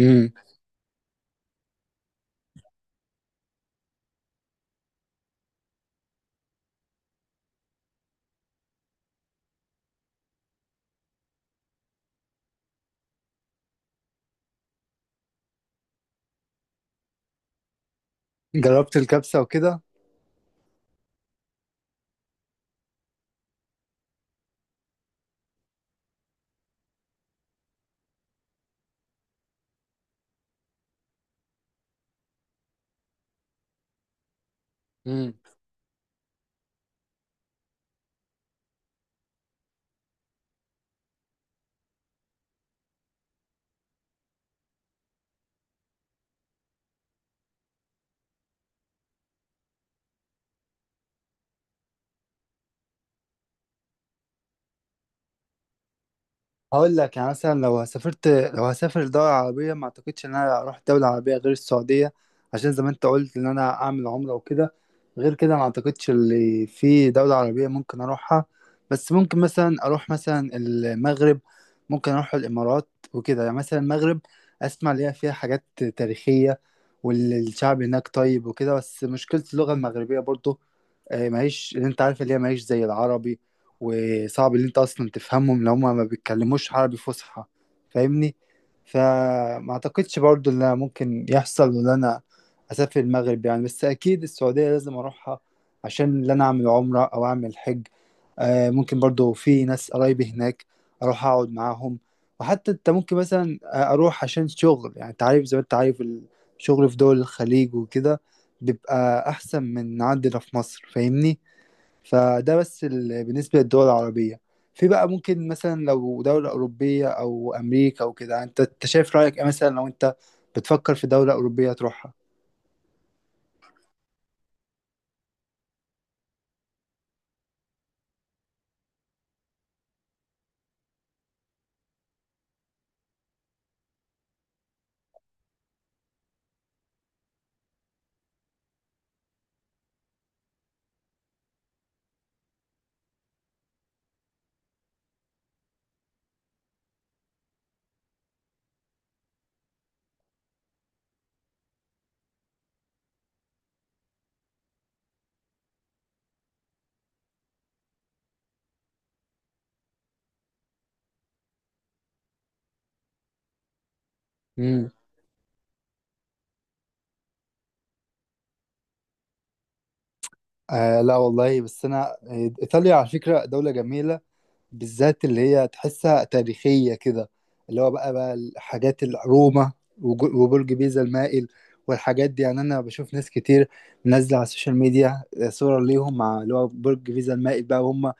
امم جربت الكبسة وكده. مم. هقول لك يعني مثلا لو هسافر دولة عربية، ما اعتقدش ان انا اروح دولة عربية غير السعودية، عشان زي ما انت قلت ان انا اعمل عمرة وكده. غير كده ما اعتقدش اللي في دولة عربية ممكن اروحها، بس ممكن مثلا اروح مثلا المغرب، ممكن اروح الامارات وكده. يعني مثلا المغرب اسمع ليها فيها حاجات تاريخية، والشعب هناك طيب وكده، بس مشكلة اللغة المغربية برضو. آه، معيش اللي انت عارف اللي هي معيش زي العربي، وصعب اللي انت اصلا تفهمهم لو هما ما بيتكلموش عربي فصحى. فاهمني؟ فما اعتقدش برضو اللي ممكن يحصل ان انا اسافر المغرب يعني. بس اكيد السعودية لازم اروحها عشان اللي انا اعمل عمرة او اعمل حج. آه، ممكن برضو في ناس قرايبي هناك اروح اقعد معاهم. وحتى انت ممكن مثلا اروح عشان شغل، يعني انت عارف زي ما انت عارف الشغل في دول الخليج وكده بيبقى أحسن من عندنا في مصر. فاهمني؟ فده بس بالنسبة للدول العربية. في بقى ممكن مثلا لو دولة أوروبية أو أمريكا وكده، أنت شايف رأيك إيه؟ مثلا لو أنت بتفكر في دولة أوروبية تروحها؟ امم آه لا والله. بس أنا إيطاليا على فكرة دولة جميلة، بالذات اللي هي تحسها تاريخية كده، اللي هو بقى الحاجات. روما، وبرج بيزا المائل والحاجات دي. يعني أنا بشوف ناس كتير منزلة على السوشيال ميديا صورة ليهم مع اللي هو برج بيزا المائل بقى، وهم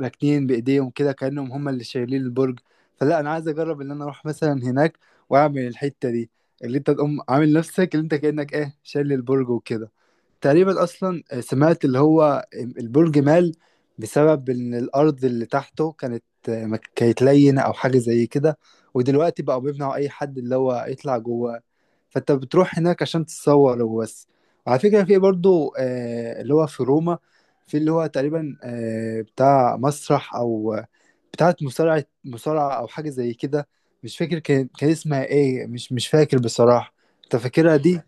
راكنين بإيديهم كده كأنهم هم اللي شايلين البرج. فلا أنا عايز أجرب إن أنا أروح مثلا هناك وأعمل الحتة دي، اللي أنت تقوم عامل نفسك اللي أنت كأنك إيه شايل البرج وكده. تقريبا اصلا سمعت اللي هو البرج مال بسبب ان الارض اللي تحته ما كانت لينه او حاجه زي كده. ودلوقتي بقوا بيمنعوا اي حد اللي هو يطلع جوه، فانت بتروح هناك عشان تتصور وبس. وعلى فكره في برضو اللي هو في روما، في اللي هو تقريبا بتاع مسرح او بتاعه مصارعه او حاجه زي كده. مش فاكر كان اسمها ايه، مش فاكر بصراحه. انت فاكرها دي؟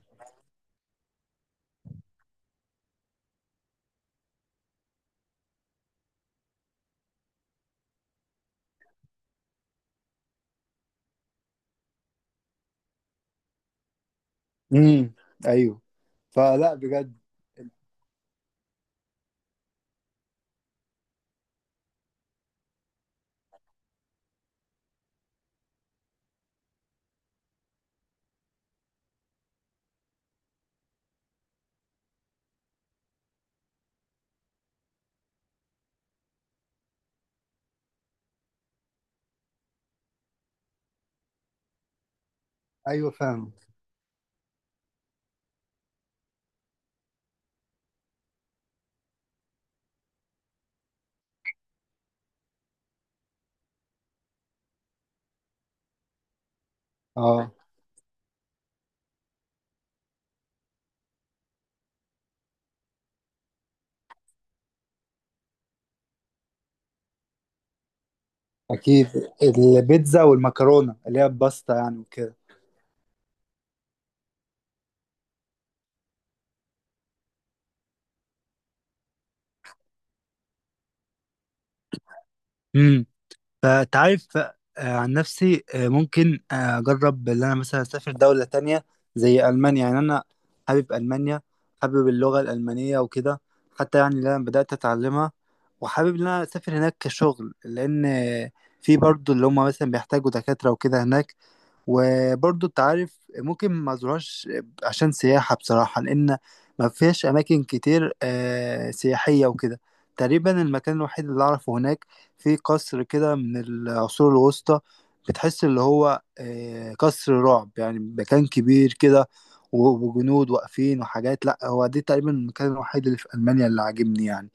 امم ايوه. فلا بجد. ايوه فاهم. اه، اكيد. البيتزا والمكرونه اللي هي الباستا، يعني وكده. امم فانت عارف. عن نفسي ممكن اجرب اللي انا مثلا اسافر دوله تانية زي المانيا. يعني انا حابب المانيا، حابب اللغه الالمانيه وكده. حتى يعني اللي انا بدات اتعلمها، وحابب ان انا اسافر هناك كشغل، لان في برضو اللي هم مثلا بيحتاجوا دكاتره وكده هناك. وبرضو انت عارف ممكن ما زورهاش عشان سياحة بصراحة، لأن ما فيهاش أماكن كتير سياحية وكده. تقريبا المكان الوحيد اللي أعرفه هناك في قصر كده من العصور الوسطى. بتحس اللي هو قصر رعب، يعني مكان كبير كده، وجنود واقفين وحاجات. لأ، هو دي تقريبا المكان الوحيد اللي في ألمانيا اللي عاجبني يعني.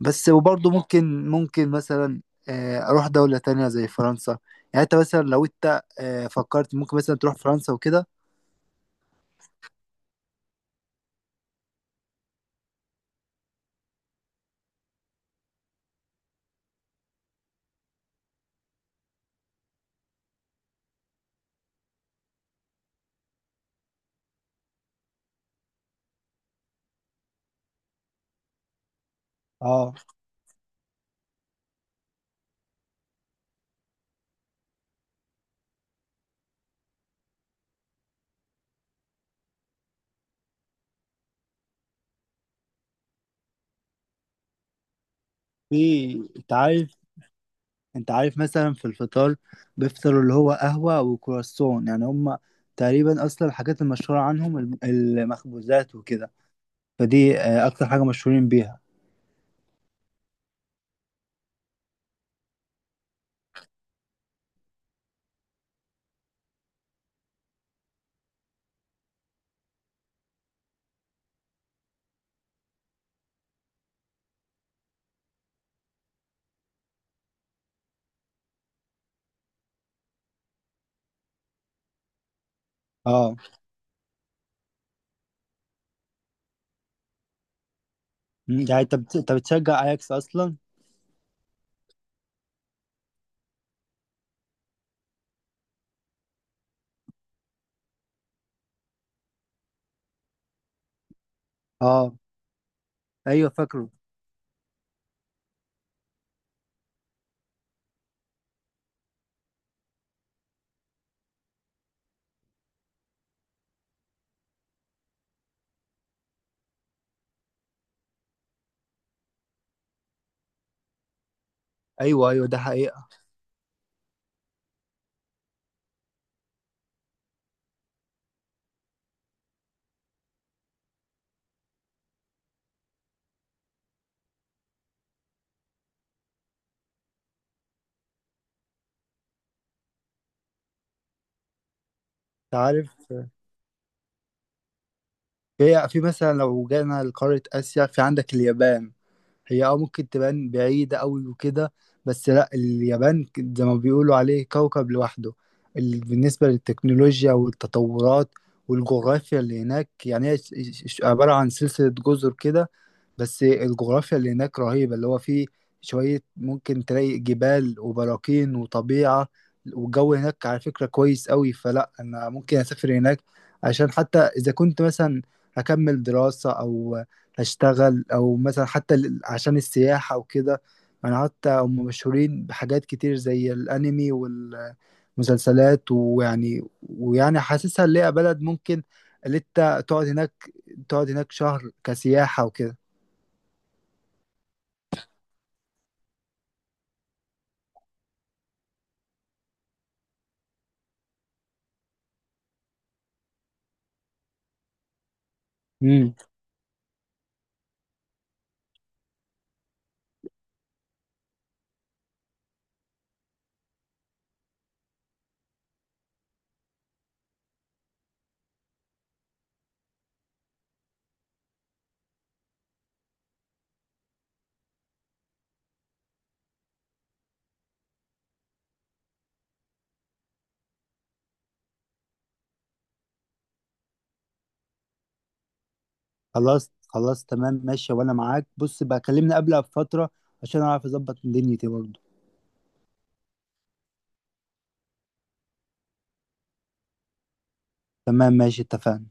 بس وبرضه ممكن مثلا اروح دولة تانية زي فرنسا. يعني انت مثلا لو انت فكرت ممكن مثلا تروح فرنسا وكده؟ اه. في انت عارف، مثلا في الفطار بيفطروا اللي هو قهوة وكرواسون، يعني هم تقريبا اصلا الحاجات المشهورة عنهم المخبوزات وكده. فدي اكتر حاجة مشهورين بيها. اه. يعني انت انت بتشجع اياكس اصلا؟ اه. ايوه فاكره. ايوه، ايوه، ده حقيقة. انت عارف، هي في مثلا لو جينا لقارة آسيا في عندك اليابان. هي ممكن تبان بعيدة أوي وكده، بس لا اليابان زي ما بيقولوا عليه كوكب لوحده. بالنسبة للتكنولوجيا والتطورات والجغرافيا اللي هناك، يعني هي عبارة عن سلسلة جزر كده. بس الجغرافيا اللي هناك رهيبة، اللي هو فيه شوية ممكن تلاقي جبال وبراكين وطبيعة. والجو هناك على فكرة كويس قوي، فلا أنا ممكن أسافر هناك، عشان حتى إذا كنت مثلا هكمل دراسة أو هشتغل أو مثلا حتى عشان السياحة وكده. أنا حتى هم مشهورين بحاجات كتير زي الأنمي والمسلسلات، ويعني حاسسها اللي هي بلد ممكن اللي أنت تقعد هناك شهر كسياحة وكده. خلاص خلاص تمام ماشي، وانا معاك. بص بقى، كلمني قبلها بفترة عشان اعرف اظبط دنيتي برضه. تمام ماشي، اتفقنا.